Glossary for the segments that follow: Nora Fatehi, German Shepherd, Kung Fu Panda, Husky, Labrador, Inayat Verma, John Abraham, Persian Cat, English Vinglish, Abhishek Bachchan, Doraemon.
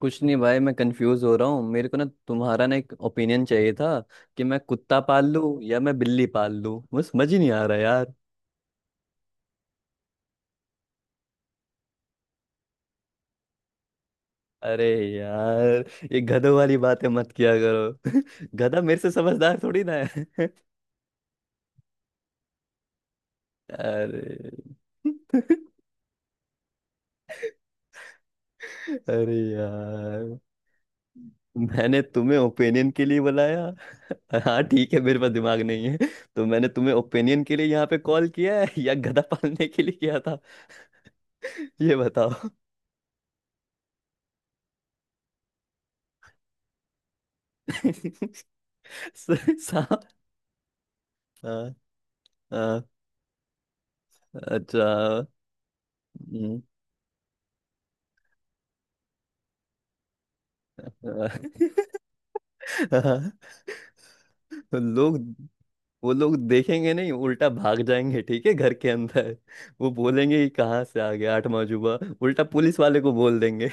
कुछ नहीं भाई, मैं कंफ्यूज हो रहा हूँ। मेरे को ना तुम्हारा ना एक ओपिनियन चाहिए था कि मैं कुत्ता पाल लूँ या मैं बिल्ली पाल लूँ। मुझे समझ ही नहीं आ रहा यार। अरे यार, ये गधों वाली बातें मत किया करो। गधा मेरे से समझदार थोड़ी ना है। अरे अरे यार, मैंने तुम्हें ओपिनियन के लिए बुलाया। हाँ ठीक है, मेरे पास दिमाग नहीं है। तो मैंने तुम्हें ओपिनियन के लिए यहाँ पे कॉल किया है या गधा पालने के लिए किया था? ये बताओ। सा- सा- हाँ, हाँ। अच्छा। हम्म, हाँ, तो लोग वो लोग देखेंगे नहीं, उल्टा भाग जाएंगे। ठीक है, घर के अंदर वो बोलेंगे कि कहाँ से आ गया आठवां जुबा। उल्टा पुलिस वाले को बोल देंगे।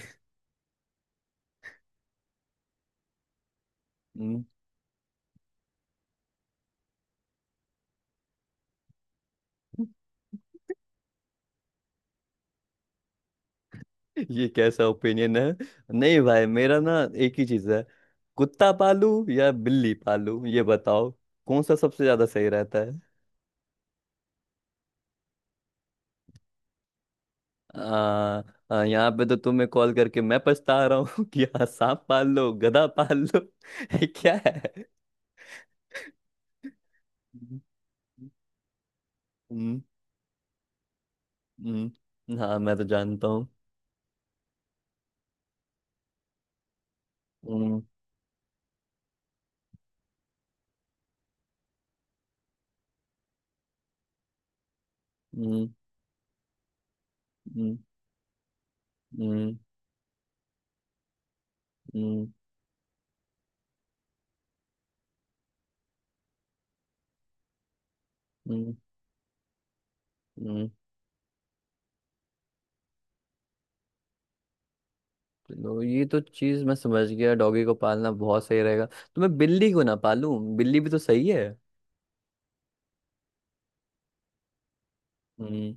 हम्म। ये कैसा ओपिनियन है? नहीं भाई, मेरा ना एक ही चीज है, कुत्ता पालू या बिल्ली पालू, ये बताओ। कौन सा सबसे ज्यादा सही रहता है? आ, आ, यहाँ पे तो तुम्हें कॉल करके मैं पछता रहा हूँ कि हाँ, सांप पाल लो, गधा पाल लो। ये क्या है? हम्म। हम्म। हम्म। हाँ, मैं तो जानता हूँ। हम्म। हम्म। हम्म। हम्म। हम्म। हम्म। हम्म। चलो, ये तो चीज मैं समझ गया, डॉगी को पालना बहुत सही रहेगा, तो मैं बिल्ली को ना पालूं? बिल्ली भी तो सही है। हम्म।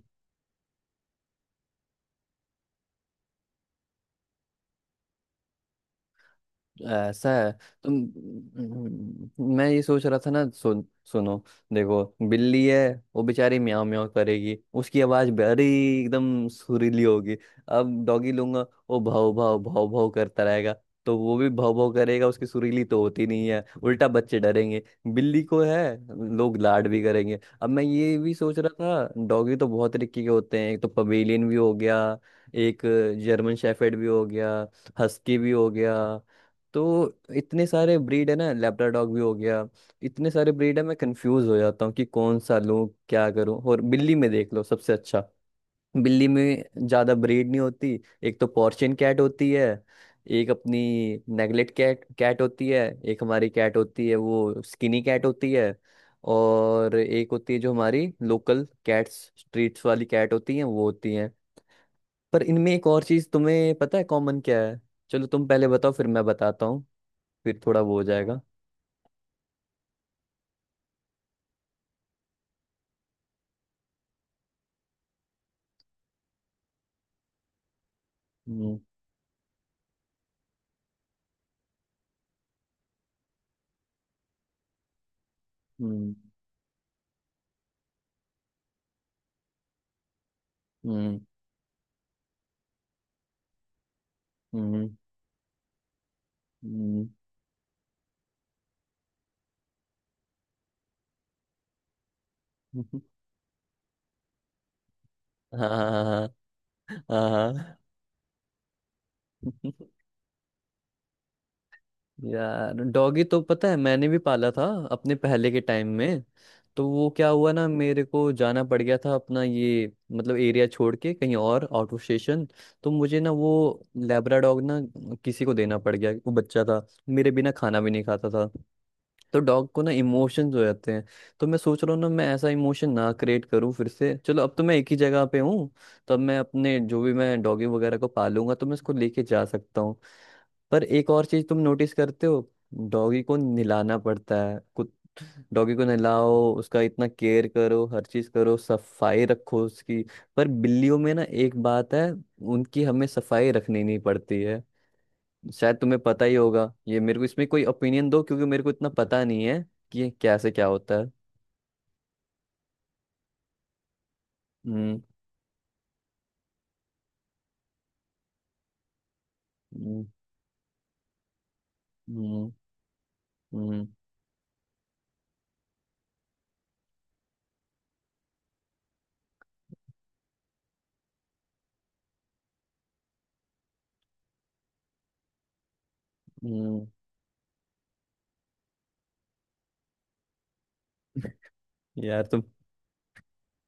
ऐसा है? तो मैं ये सोच रहा था ना, सुन, सुनो, देखो, बिल्ली है, वो बेचारी म्याऊं म्याऊं करेगी, उसकी आवाज बड़ी एकदम सुरीली होगी। अब डॉगी लूंगा, वो भाव भाव भाव भाव करता रहेगा, तो वो भी भाव भाव करेगा, उसकी सुरीली तो होती नहीं है, उल्टा बच्चे डरेंगे। बिल्ली को है, लोग लाड भी करेंगे। अब मैं ये भी सोच रहा था, डॉगी तो बहुत तरीके के होते हैं। एक तो पवेलियन भी हो गया, एक जर्मन शेफर्ड भी हो गया, हस्की भी हो गया, तो इतने सारे ब्रीड है ना, लेब्राडॉग भी हो गया। इतने सारे ब्रीड है, मैं कंफ्यूज हो जाता हूँ कि कौन सा लूँ, क्या करूँ। और बिल्ली में देख लो, सबसे अच्छा, बिल्ली में ज्यादा ब्रीड नहीं होती। एक तो पोर्शियन कैट होती है, एक अपनी नेगलेट कैट कैट होती है, एक हमारी कैट होती है, वो स्किनी कैट होती है। और एक होती है जो हमारी लोकल कैट्स स्ट्रीट्स वाली कैट होती है, वो होती है। पर इनमें एक और चीज तुम्हें पता है कॉमन क्या है? चलो तुम पहले बताओ, फिर मैं बताता, फिर थोड़ा वो हो जाएगा। हम्म। हम्म। हम्म। हम्म। हम्म। हाँ, हाँ, हाँ, हाँ, यार, डॉगी तो पता है मैंने भी पाला था, अपने पहले के टाइम में। तो वो क्या हुआ ना, मेरे को जाना पड़ गया था अपना ये मतलब एरिया छोड़ के, कहीं और आउट ऑफ स्टेशन। तो मुझे ना वो लेब्रा डॉग ना किसी को देना पड़ गया, वो बच्चा था, मेरे बिना खाना भी नहीं खाता था। तो डॉग को ना इमोशंस हो जाते हैं। तो मैं सोच रहा हूँ ना, मैं ऐसा इमोशन ना क्रिएट करूँ फिर से। चलो, अब तो मैं एक ही जगह पे हूँ, तब मैं अपने जो भी मैं डॉगी वगैरह को पालूंगा, तो मैं इसको लेके जा सकता हूँ। पर एक और चीज तुम नोटिस करते हो, डॉगी को नहलाना पड़ता है कुछ। डॉगी को नहलाओ, उसका इतना केयर करो, हर चीज करो, सफाई रखो उसकी। पर बिल्लियों में ना एक बात है, उनकी हमें सफाई रखनी नहीं पड़ती है। शायद तुम्हें पता ही होगा, ये मेरे को इसमें कोई ओपिनियन दो, क्योंकि मेरे को इतना पता नहीं है कि ये क्या से क्या होता है। हम्म। हम्म। हम्म। हम्म। हम्म। यार तुम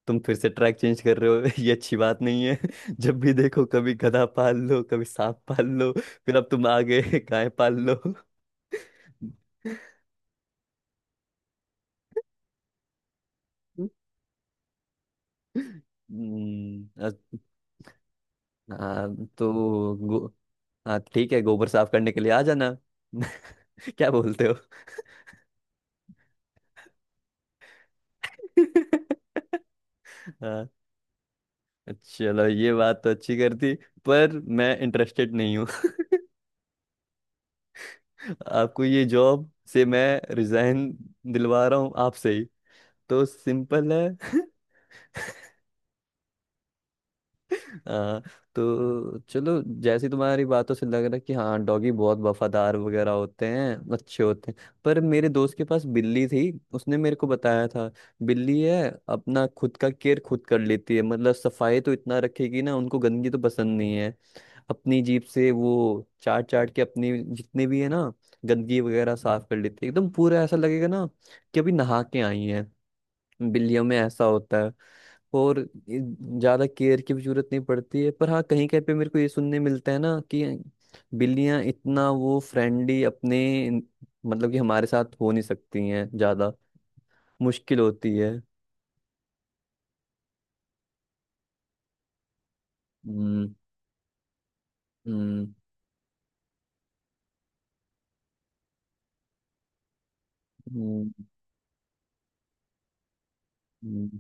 तुम फिर से ट्रैक चेंज कर रहे हो। ये अच्छी बात नहीं है। जब भी देखो, कभी गधा पाल लो, कभी सांप पाल लो, फिर अब तुम आगे गाय पाल लो। हम्म, अ- हाँ तो हाँ ठीक है, गोबर साफ करने के लिए आ जाना। क्या बोलते हो? हाँ, चलो ये बात तो अच्छी करती, पर मैं इंटरेस्टेड नहीं हूँ। आपको ये जॉब से मैं रिजाइन दिलवा रहा हूँ आपसे ही, तो सिंपल है। हाँ। तो चलो, जैसी तुम्हारी बातों से लग रहा है कि हाँ डॉगी बहुत वफादार वगैरह होते हैं, अच्छे होते हैं, पर मेरे दोस्त के पास बिल्ली थी। उसने मेरे को बताया था, बिल्ली है, अपना खुद का केयर खुद कर लेती है, मतलब सफाई तो इतना रखेगी ना, उनको गंदगी तो पसंद नहीं है। अपनी जीप से वो चाट चाट के अपनी जितने भी है ना गंदगी वगैरह, साफ कर लेती है एकदम पूरा, ऐसा लगेगा ना कि अभी नहा के आई हैं। बिल्लियों में ऐसा होता है। और ये ज्यादा केयर की भी जरूरत नहीं पड़ती है। पर हाँ, कहीं कहीं पे मेरे को ये सुनने मिलता है ना कि बिल्लियां इतना वो फ्रेंडली अपने मतलब कि हमारे साथ हो नहीं सकती हैं ज्यादा, मुश्किल होती है। हम्म। हम्म। हम्म। हम्म।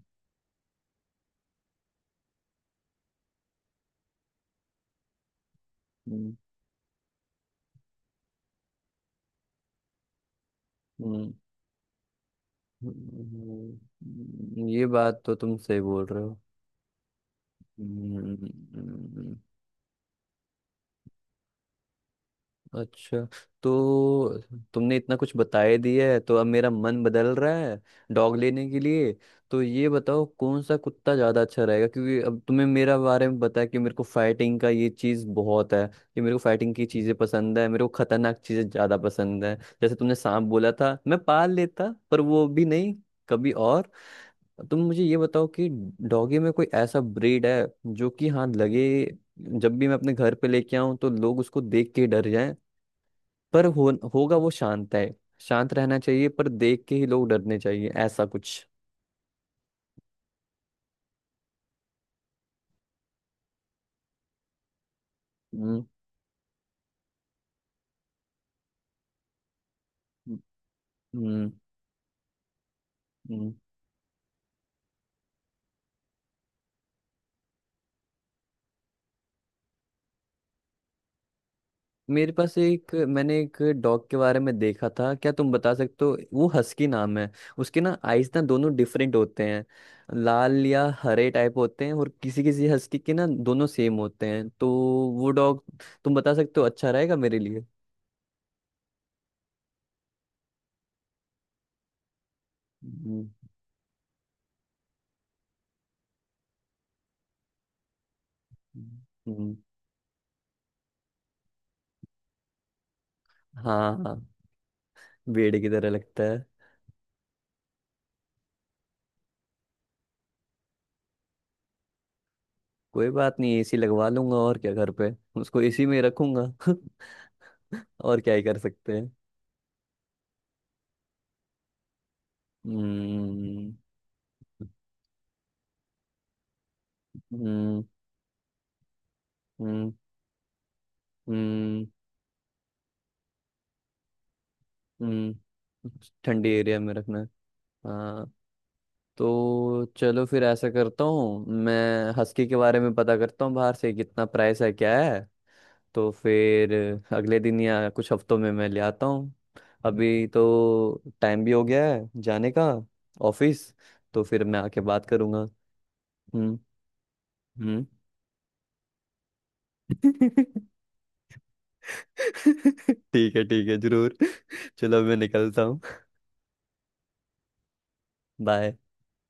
हम्म। हम्म। ये बात तो तुम सही बोल रहे हो। हम्म। अच्छा, तो तुमने इतना कुछ बताए दिया है, तो अब मेरा मन बदल रहा है डॉग लेने के लिए। तो ये बताओ कौन सा कुत्ता ज़्यादा अच्छा रहेगा, क्योंकि अब तुम्हें मेरा बारे में बताया कि मेरे को फाइटिंग का ये चीज़ बहुत है, कि मेरे को फाइटिंग की चीज़ें पसंद है, मेरे को खतरनाक चीज़ें ज़्यादा पसंद है। जैसे तुमने सांप बोला था, मैं पाल लेता पर वो भी नहीं, कभी और। तुम मुझे ये बताओ कि डॉगी में कोई ऐसा ब्रीड है जो कि हाँ लगे, जब भी मैं अपने घर पे लेके आऊं तो लोग उसको देख के ही डर जाएं, पर होगा वो शांत है, शांत रहना चाहिए, पर देख के ही लोग डरने चाहिए, ऐसा कुछ। हम्म। हम्म। हम्म। मेरे पास एक मैंने एक डॉग के बारे में देखा था, क्या तुम बता सकते हो, वो हस्की नाम है। उसके ना आइज ना दोनों डिफरेंट होते हैं, लाल या हरे टाइप होते हैं। और किसी किसी हस्की के ना दोनों सेम होते हैं, तो वो डॉग तुम बता सकते हो अच्छा रहेगा मेरे लिए? हम्म। हम्म। हम्म। हाँ, बेड़े की तरह लगता है। कोई बात नहीं, एसी लगवा लूंगा, और क्या, घर पे उसको एसी में रखूंगा। और क्या ही कर सकते हैं। हम्म। हम्म। हम्म। हम्म। हम्म। ठंडी एरिया में रखना है। हाँ। तो चलो फिर ऐसा करता हूँ, मैं हस्की के बारे में पता करता हूँ, बाहर से कितना प्राइस है क्या है, तो फिर अगले दिन या कुछ हफ्तों में मैं ले आता हूँ। अभी तो टाइम भी हो गया है जाने का, ऑफिस, तो फिर मैं आके बात करूँगा। हम्म। हम्म। ठीक है, ठीक है, जरूर। चलो मैं निकलता हूँ। बाय।